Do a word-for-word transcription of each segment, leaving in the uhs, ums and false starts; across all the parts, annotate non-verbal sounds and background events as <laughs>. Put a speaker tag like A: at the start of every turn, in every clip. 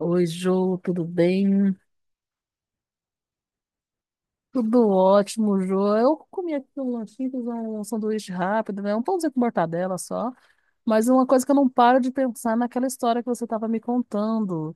A: Oi, Jô, tudo bem? Tudo ótimo, Jô. Eu comi aqui um lanchinho, fiz um sanduíche rápido, né? Um pãozinho com mortadela só. Mas uma coisa que eu não paro de pensar é naquela história que você estava me contando.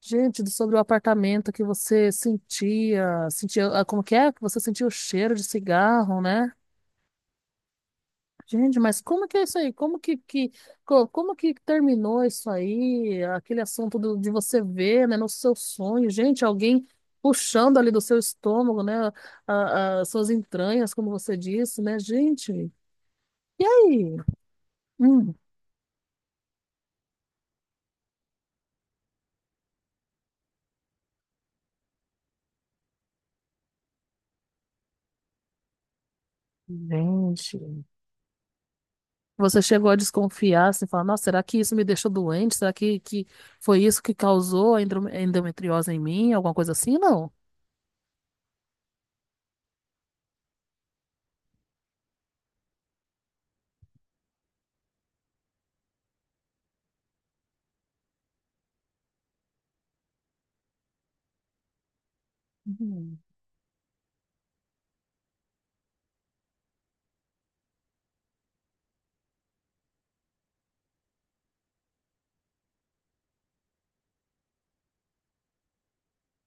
A: Gente, do- sobre o apartamento que você sentia, sentia, ah, como que é? Que você sentia o cheiro de cigarro, né? Gente, mas como que é isso aí? Como que, que co- como que terminou isso aí? Aquele assunto do- de você ver, né, no seu sonho, gente, alguém puxando ali do seu estômago, né, a- a- suas entranhas, como você disse, né, gente. E aí? Hum, gente. Você chegou a desconfiar, assim, falar, nossa, será que isso me deixou doente? Será que, que foi isso que causou a endro- endometriose em mim? Alguma coisa assim? Não. Hum,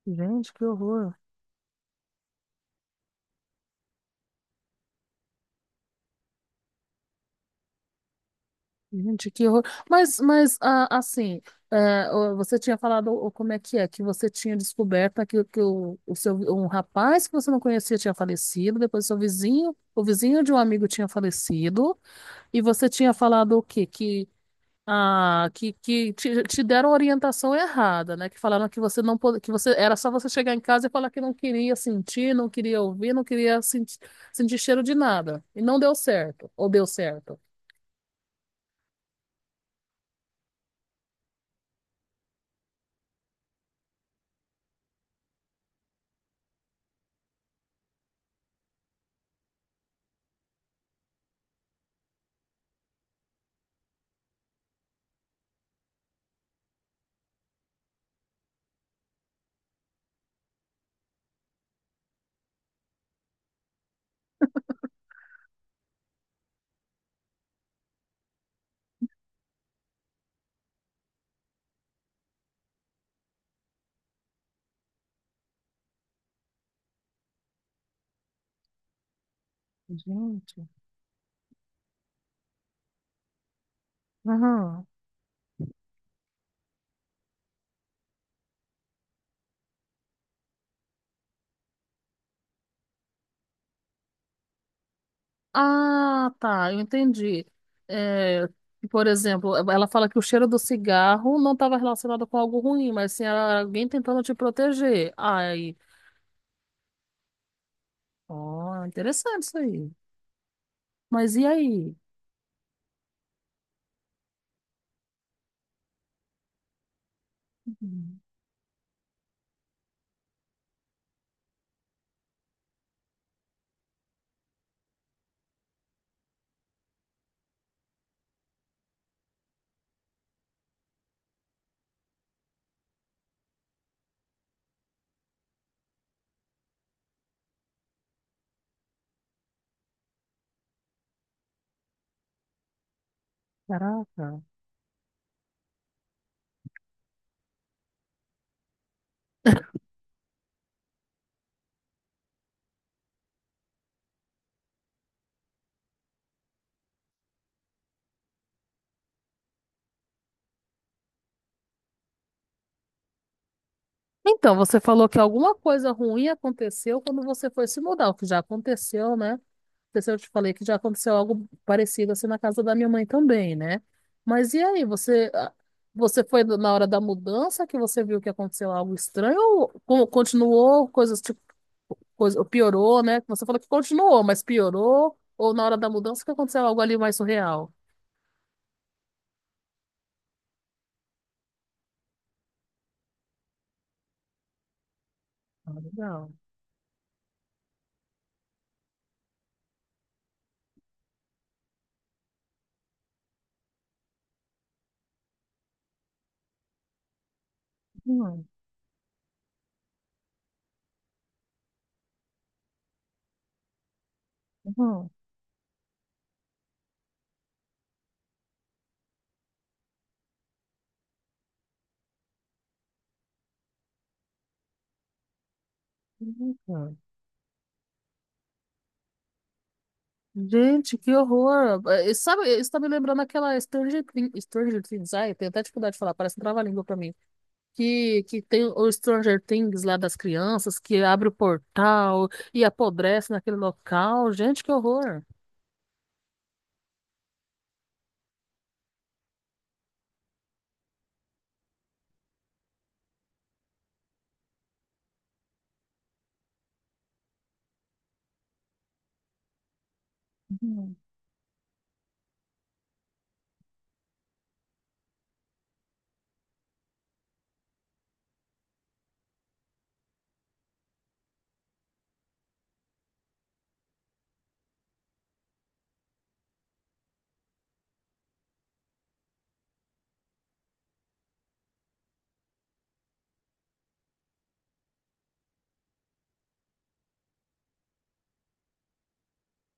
A: gente, que horror. Gente, que horror. Mas, mas ah, assim, é, o- você tinha falado o- como é que é, que você tinha descoberto que, que o, o seu, um rapaz que você não conhecia tinha falecido, depois seu vizinho, o vizinho de um amigo tinha falecido, e você tinha falado o quê? Que, ah, que, que te, te deram orientação errada, né? Que falaram que você não pod... que você era só você chegar em casa e falar que não queria sentir, não queria ouvir, não queria sentir, sentir cheiro de nada. E não deu certo, ou deu certo. Gente. Aham. Ah, tá, eu entendi. É, por exemplo, ela fala que o cheiro do cigarro não estava relacionado com algo ruim, mas sim era alguém tentando te proteger. Ai, ó, interessante isso aí. Mas e aí? Uhum. Caraca. Então, você falou que alguma coisa ruim aconteceu quando você foi se mudar, o que já aconteceu, né? Sei se eu te falei que já aconteceu algo parecido assim na casa da minha mãe também, né? Mas e aí, você, ah, você foi do- na hora da mudança que você viu que aconteceu algo estranho ou con- continuou coisas tipo, coisa, ou piorou, né? Você falou que continuou, mas piorou ou na hora da mudança que aconteceu algo ali mais surreal? Ah, legal. Uhum, uhum, uhum. Gente, que horror! Eh, Sabe, isso tá me lembrando aquela Stranger Things, Stranger Things, ai, tenho até dificuldade de falar, parece um trava-língua pra mim. que, que tem o Stranger Things lá das crianças, que abre o portal e apodrece naquele local. Gente, que horror. Uhum.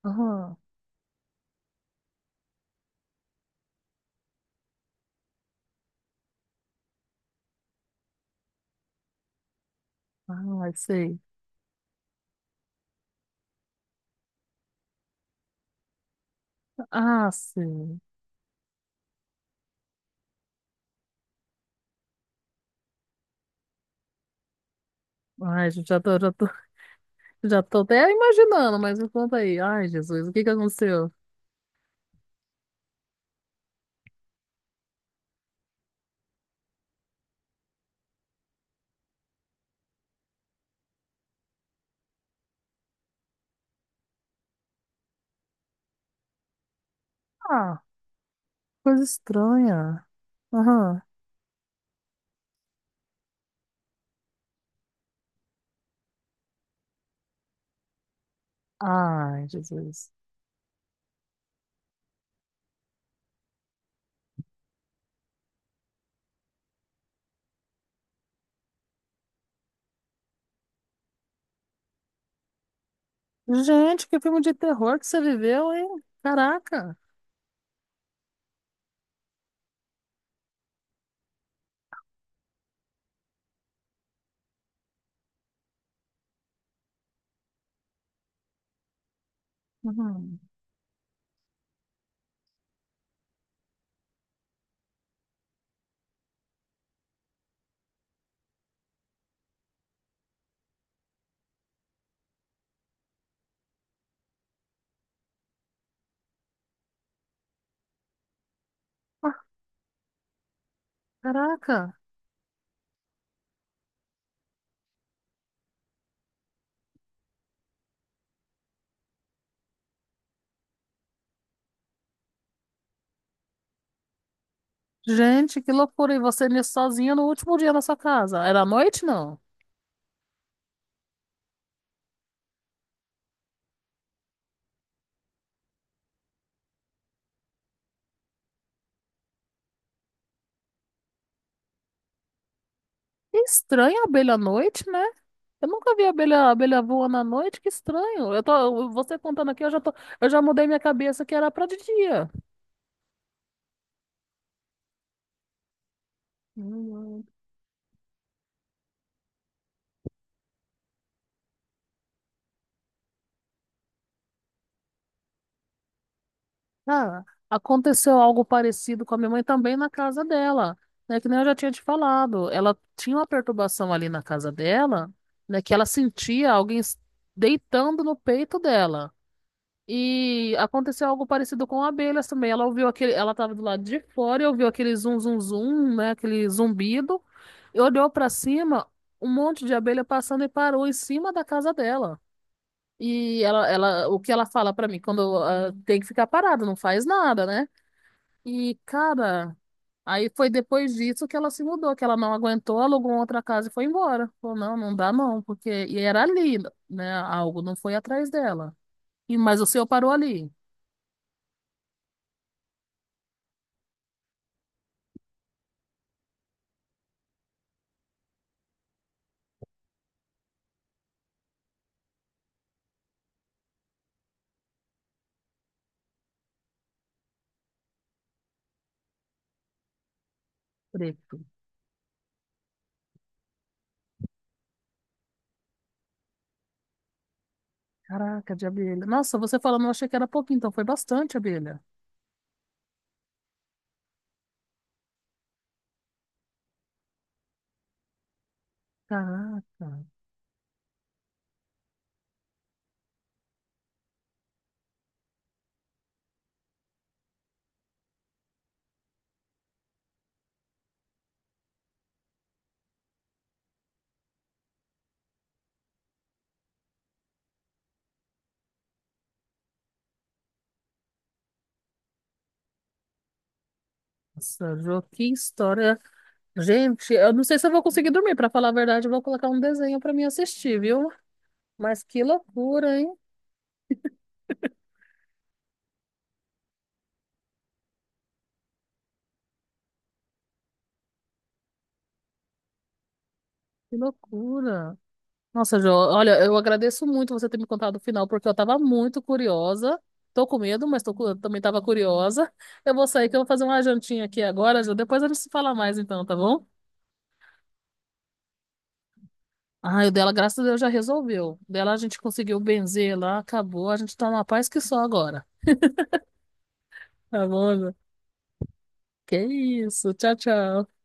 A: Aham. Ai, sei. Ah, sei. Ai, gente, já tô, já tô, <laughs> já tô até imaginando, mas me conta aí. Ai, Jesus, o que que aconteceu? Ah, coisa estranha. Aham. Ai, Jesus. Gente, que filme de terror que você viveu, hein? Caraca! Uhum. Ah, Caraca! Gente, que loucura! E você nisso sozinha no último dia na sua casa? Era à noite, não? Que estranho a abelha à noite, né? Eu nunca vi abelha, abelha voando à noite, que estranho. Eu tô, você contando aqui, eu já tô, eu já mudei minha cabeça que era pra de dia. Hum. Ah, aconteceu algo parecido com a minha mãe também na casa dela, né? Que nem eu já tinha te falado. Ela tinha uma perturbação ali na casa dela, né? Que ela sentia alguém s- deitando no peito dela. E aconteceu algo parecido com abelhas também. Ela ouviu aquele, ela estava do lado de fora e ouviu aquele zum zum zum, né? Aquele zumbido. E olhou para cima, um monte de abelha passando e parou em cima da casa dela. E ela, ela, o que ela fala pra mim, quando ah, tem que ficar parado, não faz nada, né? E, cara, aí foi depois disso que ela se mudou, que ela não aguentou, alugou outra casa e foi embora. Falou, não, não dá não, porque... E era ali, né? Algo não foi atrás dela. E, mas o seu parou ali, preto. Caraca, de abelha. Nossa, você falando, eu achei que era pouquinho, então foi bastante abelha. Caraca. Nossa, Jô, que história. Gente, eu não sei se eu vou conseguir dormir, pra falar a verdade, eu vou colocar um desenho pra mim assistir, viu? Mas que loucura, hein? Que loucura. Nossa, Jo, olha, eu agradeço muito você ter me contado o final, porque eu tava muito curiosa. Tô com medo, mas tô, cu- eu também tava curiosa. Eu vou sair que eu vou fazer uma jantinha aqui agora, Jo. Depois a gente se fala mais então, tá bom? Ah, o dela, graças a Deus, já resolveu. O dela a gente conseguiu benzer lá, acabou. A gente tá numa paz que só agora. Tá bom, Jo? Que isso. Tchau, tchau.